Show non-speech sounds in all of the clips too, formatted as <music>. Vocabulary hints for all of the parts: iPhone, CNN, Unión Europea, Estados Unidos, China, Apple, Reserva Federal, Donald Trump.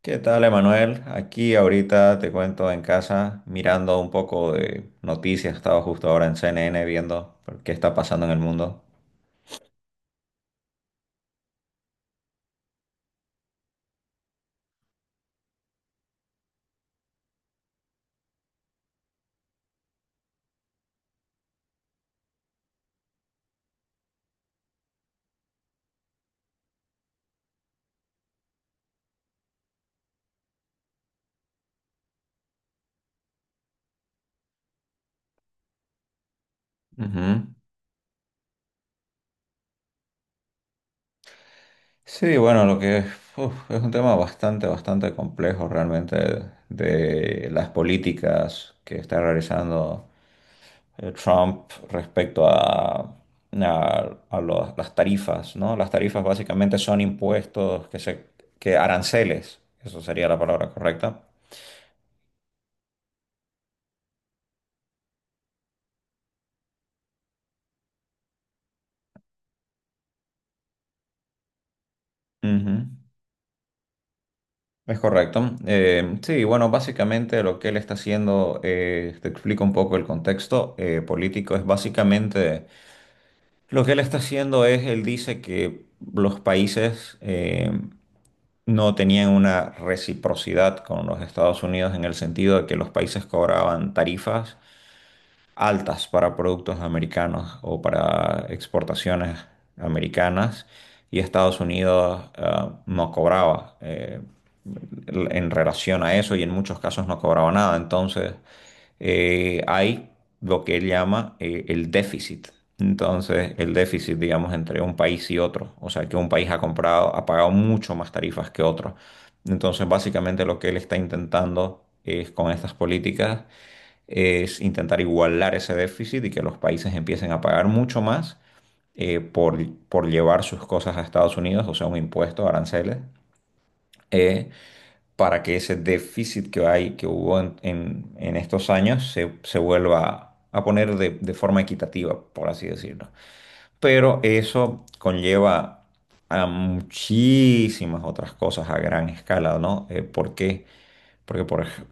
¿Qué tal, Emanuel? Aquí ahorita te cuento en casa mirando un poco de noticias. Estaba justo ahora en CNN viendo qué está pasando en el mundo. Ujú. Sí, bueno, lo que uf, es un tema bastante, bastante complejo realmente de las políticas que está realizando Trump respecto a las tarifas, ¿no? Las tarifas básicamente son impuestos que aranceles, eso sería la palabra correcta. Ujú. Es correcto. Sí, bueno, básicamente lo que él está haciendo, te explico un poco el contexto político, es básicamente lo que él está haciendo es, él dice que los países no tenían una reciprocidad con los Estados Unidos en el sentido de que los países cobraban tarifas altas para productos americanos o para exportaciones americanas y Estados Unidos no cobraba en relación a eso y en muchos casos no cobraba nada. Entonces hay lo que él llama el déficit. Entonces, el déficit, digamos, entre un país y otro, o sea, que un país ha comprado, ha pagado mucho más tarifas que otro. Entonces, básicamente lo que él está intentando es con estas políticas es intentar igualar ese déficit y que los países empiecen a pagar mucho más eh, por, por llevar sus cosas a Estados Unidos, o sea, un impuesto, aranceles, eh, para que ese déficit que hay, que hubo en estos años, se vuelva a poner de forma equitativa, por así decirlo. Pero eso conlleva a muchísimas otras cosas a gran escala, ¿no? ¿Por qué? Porque, por, ej-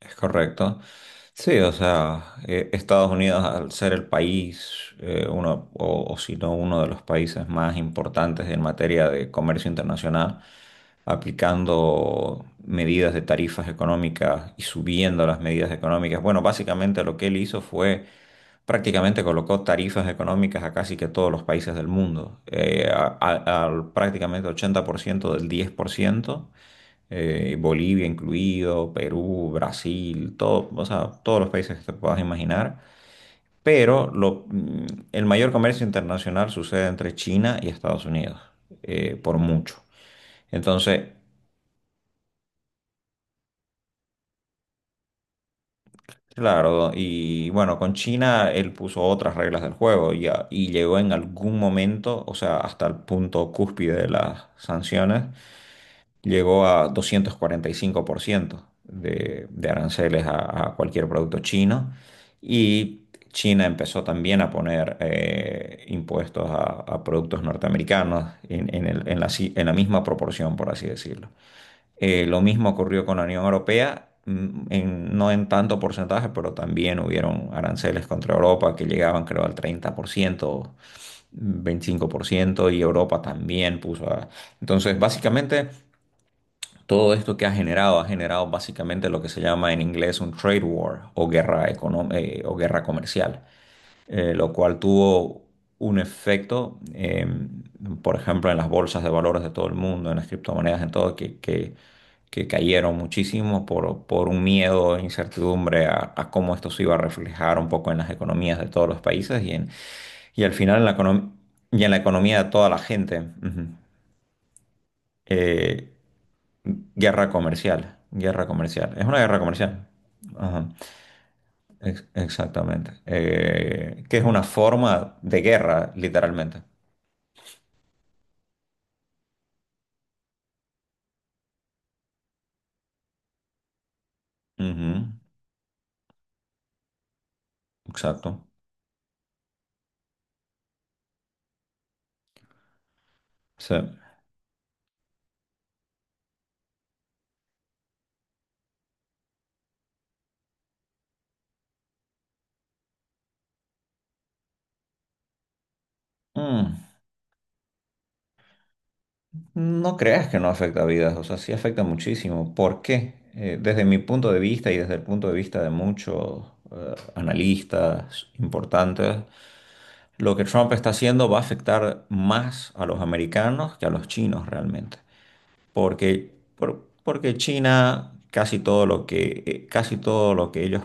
Es correcto. Sí, o sea, Estados Unidos al ser el país, uno, o si no uno de los países más importantes en materia de comercio internacional, aplicando medidas de tarifas económicas y subiendo las medidas económicas. Bueno, básicamente lo que él hizo fue prácticamente colocó tarifas económicas a casi que todos los países del mundo, al prácticamente 80% del 10%, Bolivia incluido, Perú, Brasil, todo, o sea, todos los países que te puedas imaginar. Pero el mayor comercio internacional sucede entre China y Estados Unidos, por mucho. Entonces, claro, y bueno, con China él puso otras reglas del juego y llegó en algún momento, o sea, hasta el punto cúspide de las sanciones llegó a 245% de aranceles a cualquier producto chino y China empezó también a poner impuestos a productos norteamericanos en el- en la, si- en la misma proporción, por así decirlo. Lo mismo ocurrió con la Unión Europea. No en tanto porcentaje, pero también hubieron aranceles contra Europa que llegaban creo al 30%, 25%, y Europa también puso a... Entonces, básicamente, todo esto que ha generado básicamente lo que se llama en inglés un trade war o guerra comercial, lo cual tuvo un efecto, por ejemplo, en las bolsas de valores de todo el mundo, en las criptomonedas, en todo, que cayeron muchísimo por un miedo e incertidumbre a cómo esto se iba a reflejar un poco en las economías de todos los países y, en, y al final en la economía de toda la gente. Ujú. Eh, Guerra comercial, guerra comercial. Es una guerra comercial. Ajá, exactamente. Que es una forma de guerra, literalmente. Ujú, exacto. Sí. Mm, no creas que no afecta vidas, o sea, sí afecta muchísimo. ¿Por qué? Desde mi punto de vista y desde el punto de vista de muchos analistas importantes, lo que Trump está haciendo va a afectar más a los americanos que a los chinos realmente. Porque China, casi todo lo que ellos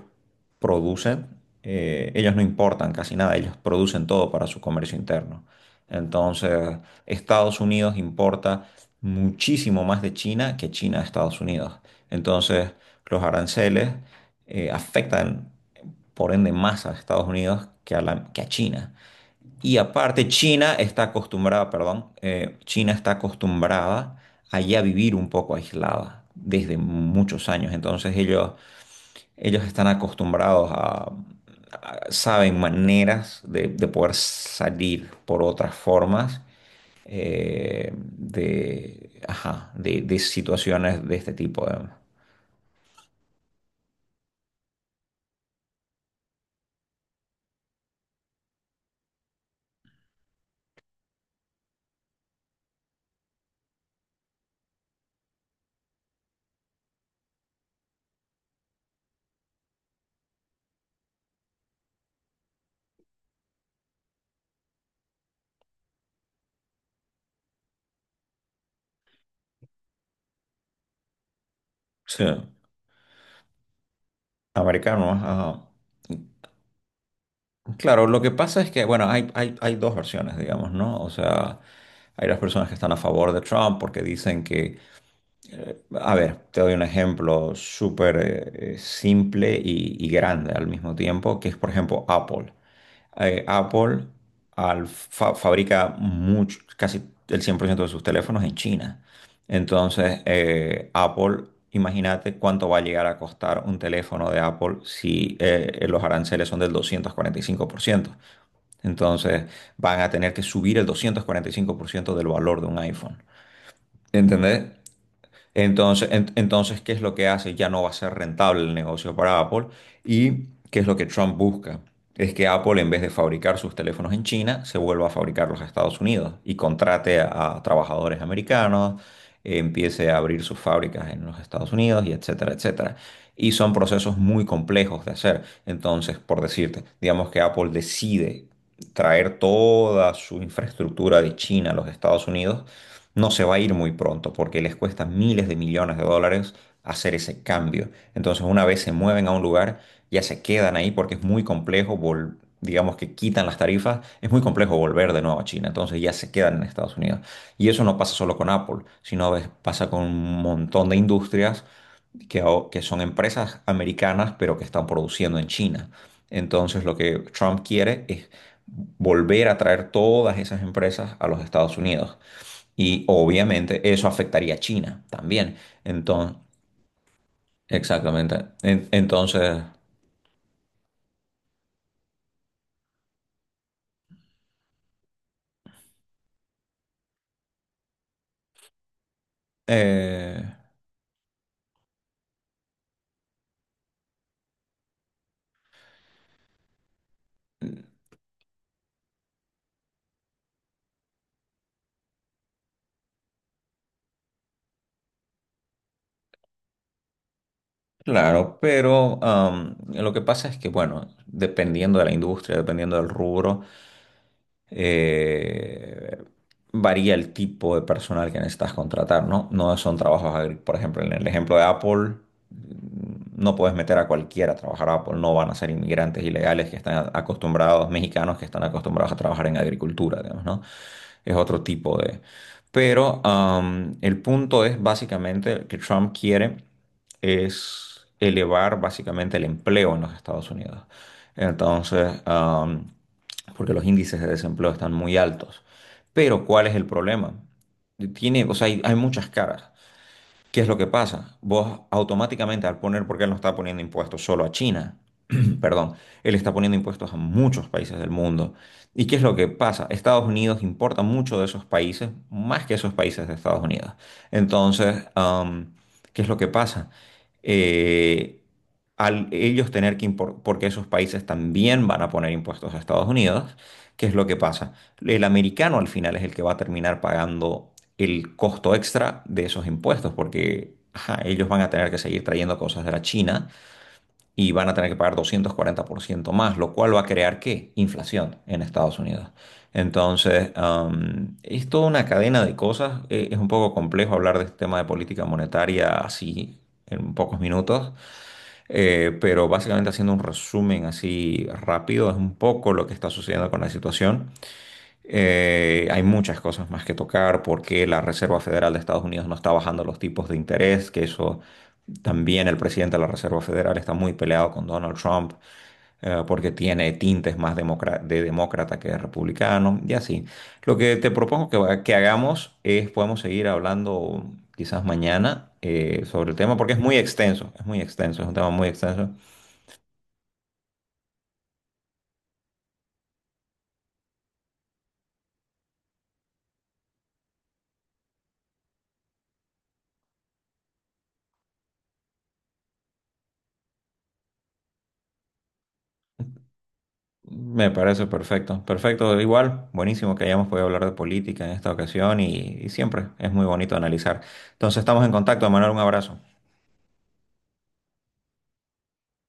producen, ellos no importan casi nada, ellos producen todo para su comercio interno. Entonces, Estados Unidos importa muchísimo más de China que China a Estados Unidos. Entonces, los aranceles afectan, por ende, más a Estados Unidos que que a China. Y aparte, China está acostumbrada, perdón, China está acostumbrada a ya vivir un poco aislada desde muchos años. Entonces ellos están acostumbrados saben maneras de poder salir por otras formas ajá, de situaciones de este tipo. Sí, americanos, ajá. Claro, lo que pasa es que, bueno, hay dos versiones, digamos, ¿no? O sea, hay las personas que están a favor de Trump porque dicen que a ver, te doy un ejemplo súper simple y grande al mismo tiempo, que es, por ejemplo, Apple. Apple fabrica mucho, casi el 100% de sus teléfonos en China. Entonces, Apple, imagínate cuánto va a llegar a costar un teléfono de Apple si los aranceles son del 245%. Entonces, van a tener que subir el 245% del valor de un iPhone. ¿Entendés? Entonces, entonces, ¿qué es lo que hace? Ya no va a ser rentable el negocio para Apple. ¿Y qué es lo que Trump busca? Es que Apple, en vez de fabricar sus teléfonos en China, se vuelva a fabricarlos en Estados Unidos y contrate a trabajadores americanos, empiece a abrir sus fábricas en los Estados Unidos y etcétera, etcétera. Y son procesos muy complejos de hacer. Entonces, por decirte, digamos que Apple decide traer toda su infraestructura de China a los Estados Unidos, no se va a ir muy pronto porque les cuesta miles de millones de dólares hacer ese cambio. Entonces, una vez se mueven a un lugar, ya se quedan ahí porque es muy complejo, vol- digamos que quitan las tarifas, es muy complejo volver de nuevo a China. Entonces, ya se quedan en Estados Unidos. Y eso no pasa solo con Apple, sino es- pasa con un montón de industrias que, ao- que son empresas americanas, pero que están produciendo en China. Entonces, lo que Trump quiere es volver a traer todas esas empresas a los Estados Unidos. Y obviamente eso afectaría a China también. Entonces, exactamente. Entonces, eh, claro, pero lo que pasa es que, bueno, dependiendo de la industria, dependiendo del rubro, eh, varía el tipo de personal que necesitas contratar, ¿no? No son trabajos agrícolas. Por ejemplo, en el ejemplo de Apple, mm, no puedes meter a cualquiera a trabajar a Apple. No van a ser inmigrantes ilegales que están acostumbrados, mexicanos que están acostumbrados a trabajar en agricultura, digamos, ¿no? Es otro tipo de... Pero el punto es básicamente que Trump quiere es elevar básicamente el empleo en los Estados Unidos. Entonces, porque los índices de desempleo están muy altos. Pero, ¿cuál es el problema? Tiene, o sea, hay muchas caras. ¿Qué es lo que pasa? Vos automáticamente al poner, porque él no está poniendo impuestos solo a China, <clears throat> perdón, él está poniendo impuestos a muchos países del mundo. ¿Y qué es lo que pasa? Estados Unidos importa mucho de esos países, más que esos países de Estados Unidos. Entonces, ¿qué es lo que pasa? Eh, al ellos tener que porque esos países también van a poner impuestos a Estados Unidos, ¿qué es lo que pasa? El americano al final es el que va a terminar pagando el costo extra de esos impuestos, porque ajá, ellos van a tener que seguir trayendo cosas de la China y van a tener que pagar 240% más, lo cual va a crear ¿qué? Inflación en Estados Unidos. Entonces, es toda una cadena de cosas. Es un poco complejo hablar de este tema de política monetaria así en pocos minutos, pero básicamente haciendo un resumen así rápido, es un poco lo que está sucediendo con la situación. Hay muchas cosas más que tocar porque la Reserva Federal de Estados Unidos no está bajando los tipos de interés, que eso también el presidente de la Reserva Federal está muy peleado con Donald Trump porque tiene tintes más de demócrata que de republicano y así. Lo que te propongo que hagamos es podemos seguir hablando quizás mañana sobre el tema porque es muy extenso, es muy extenso, es un tema muy extenso. Me parece perfecto, perfecto, igual, buenísimo que hayamos podido hablar de política en esta ocasión y siempre es muy bonito analizar. Entonces estamos en contacto, Manuel, un abrazo.